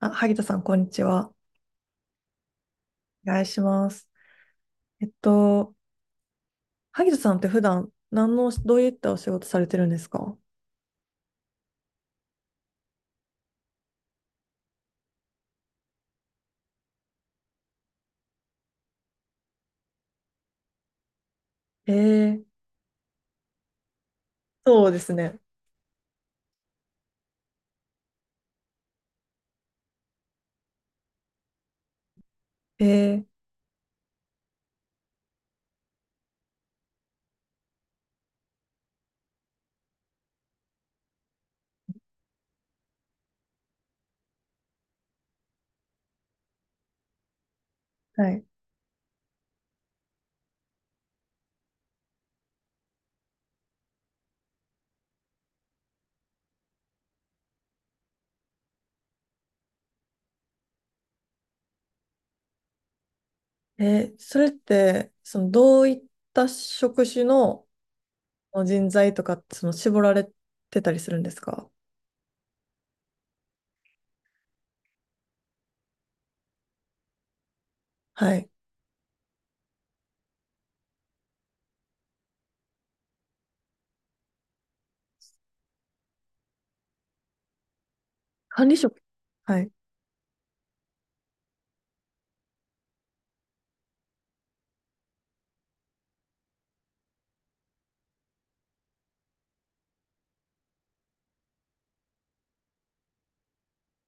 あ、萩田さん、こんにちは。お願いします。えっと、萩田さんって普段、どういったお仕事されてるんですか？えー、そうですね。えー、はい。それって、どういった職種の人材とかって、絞られてたりするんですか？はい。管理職。はい。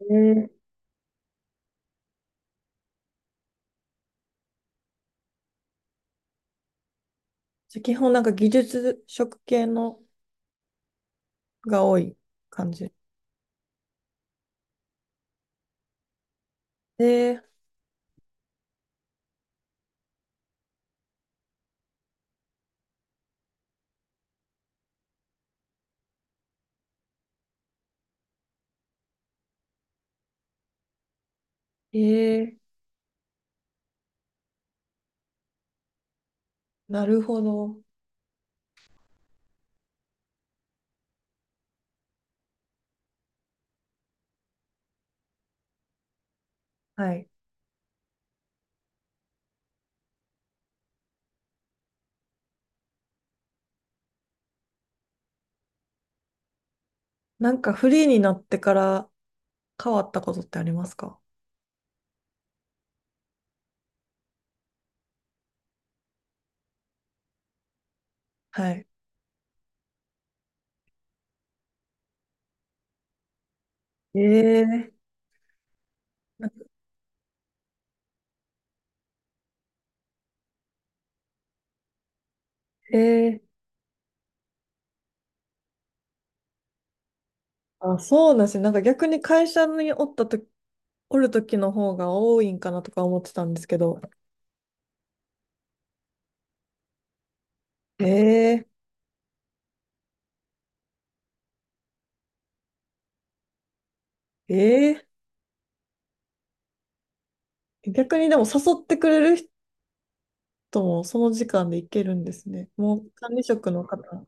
えーじゃあ基本、なんか技術職系のが多い感じ。で、えー、なるほど。はい。なんかフリーになってから変わったことってありますか？はい。えー、えー、あ、そうなんですね。なんか逆に会社におるときの方が多いんかなとか思ってたんですけど。えー、え逆にでも誘ってくれる人もその時間で行けるんですね。もう管理職の方。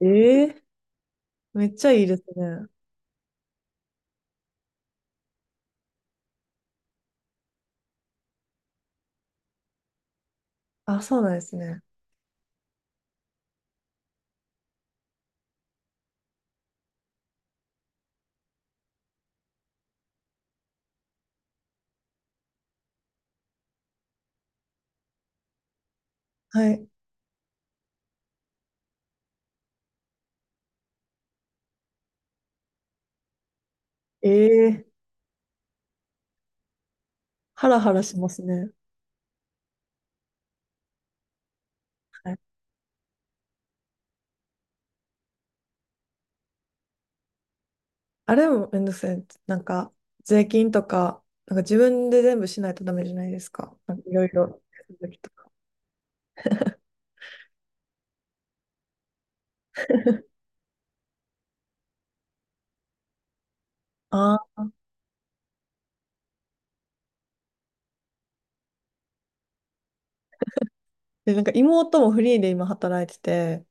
えー、めっちゃいいですね。あ、そうなんですね。はい。ええ、ハラハラしますね。はい。あれもめんどくさい。なんか、税金とか、なんか自分で全部しないとダメじゃないですか。なんかいろいろ手続きとか。ああ。で、なんか妹もフリーで今働いてて、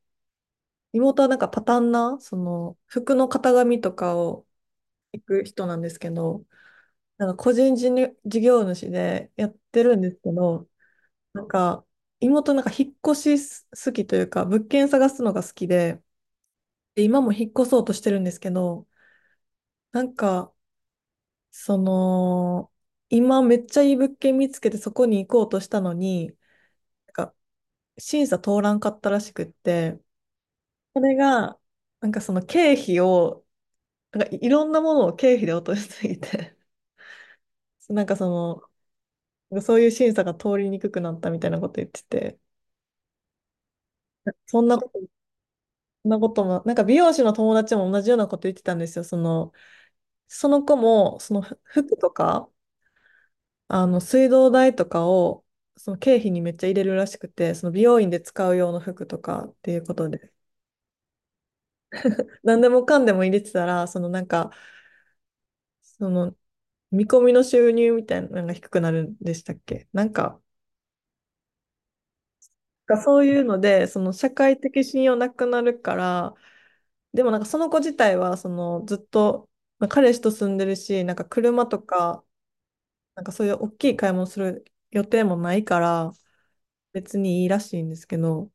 妹はなんかパターンな、服の型紙とかを行く人なんですけど、なんか個人事業主でやってるんですけど、なんか、妹なんか引っ越し好きというか、物件探すのが好きで、で、今も引っ越そうとしてるんですけど、なんか、その、今めっちゃいい物件見つけてそこに行こうとしたのに、なんか審査通らんかったらしくって、それが、なんかその経費を、なんかいろんなものを経費で落としすぎて、なんかそういう審査が通りにくくなったみたいなこと言ってて、そんなこと、そんなことも、なんか美容師の友達も同じようなこと言ってたんですよ。その子も、その服とか、水道代とかを、その経費にめっちゃ入れるらしくて、その美容院で使う用の服とかっていうことで、何でもかんでも入れてたら、その見込みの収入みたいなのが低くなるんでしたっけなんか、なんかそういうので、その社会的信用なくなるから、でもなんかその子自体は、ずっと、まあ彼氏と住んでるし、なんか車とか、なんかそういう大きい買い物する予定もないから、別にいいらしいんですけど、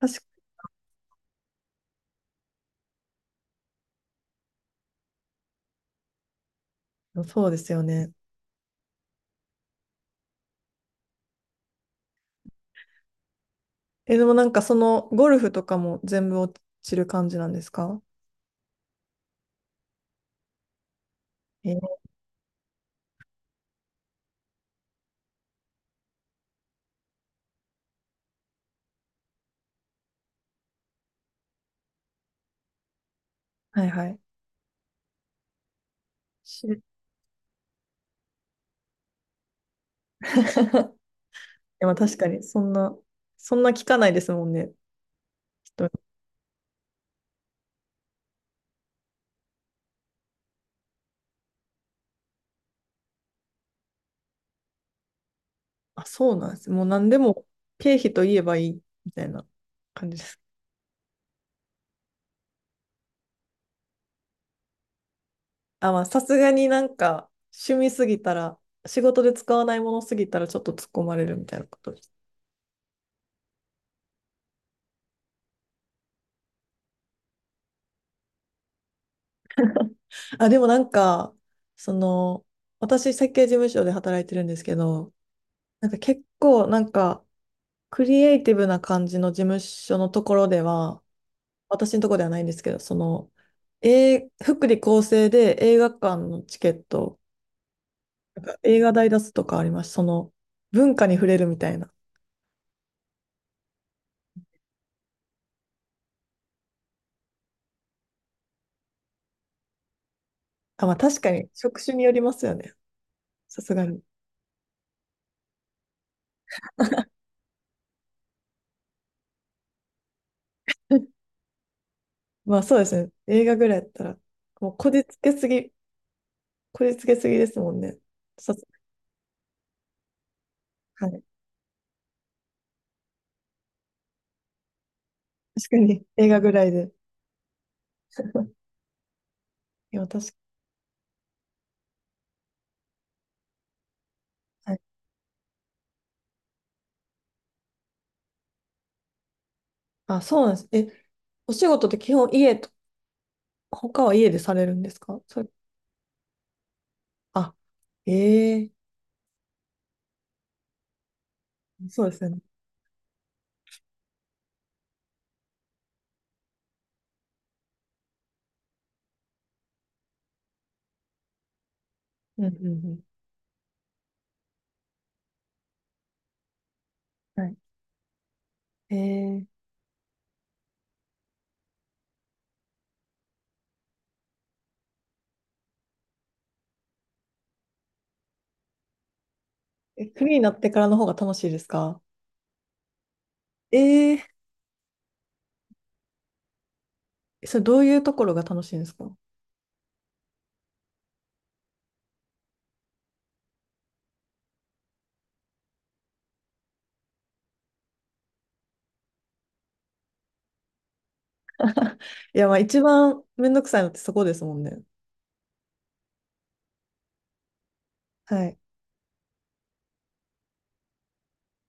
確かにそうですよね。え、でもなんかそのゴルフとかも全部落ちる感じなんですか？えーはいはい。いやまあ確かに、そんな聞かないですもんね。人に。あ、そうなんです。もう何でも経費と言えばいいみたいな感じです。あ、まあさすがになんか趣味すぎたら、仕事で使わないものすぎたらちょっと突っ込まれるみたいなことです。あ、でもなんか、その、私設計事務所で働いてるんですけど、なんか結構なんか、クリエイティブな感じの事務所のところでは、私のところではないんですけど、福利厚生で映画館のチケット、なんか映画代出すとかあります。その、文化に触れるみたいな。あ、まあ確かに職種によりますよね。さすがに。まあそうですね。映画ぐらいだったら、もうこじつけすぎですもんね。さすはい。確かに映画ぐらいで。いや、確かに。はい。あ、そうなんです。お仕事って基本家と、他は家でされるんですか、それ？あ、ええ、そうですよね。うんうんうん、はい。えええ、フリーになってからの方が楽しいですか？ええ。それどういうところが楽しいんですか？いや、まあ一番めんどくさいのってそこですもんね。はい。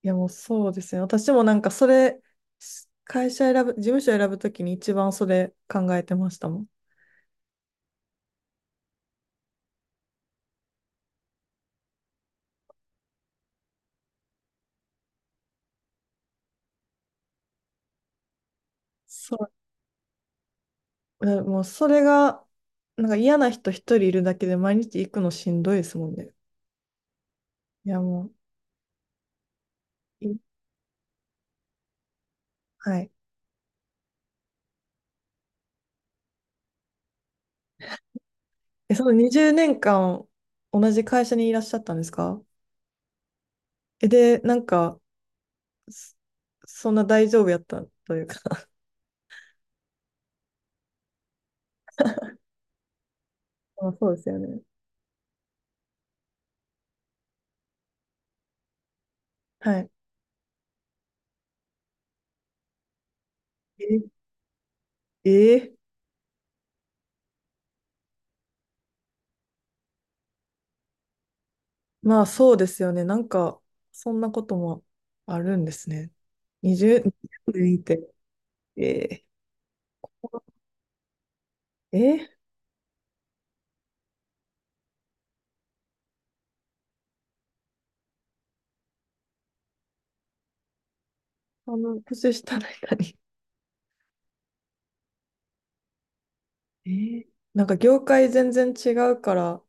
いや、もうそうですね。私もなんかそれ、会社選ぶ、事務所選ぶときに一番それ考えてましたもん。そう。もうそれが、なんか嫌な人一人いるだけで毎日行くのしんどいですもんね。いや、もう、はい。え、その20年間同じ会社にいらっしゃったんですか？え、で、なんか、そそんな大丈夫やったというか。まあ、そうですよね。はい。え、えーまあそうですよね。なんか、そんなこともあるんですね。20年いて。えー、え年下の人に。えー、なんか業界全然違うから、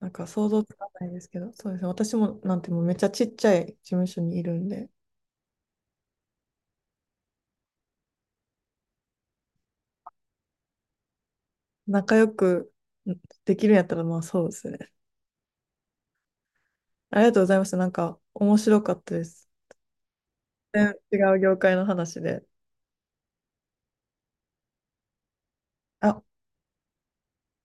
なんか想像つかないですけど、そうですね。私もなんてもうめっちゃちっちゃい事務所にいるんで、仲良くできるんやったら、まあそうですね。ありがとうございました。なんか面白かったです。全然違う業界の話で。あ、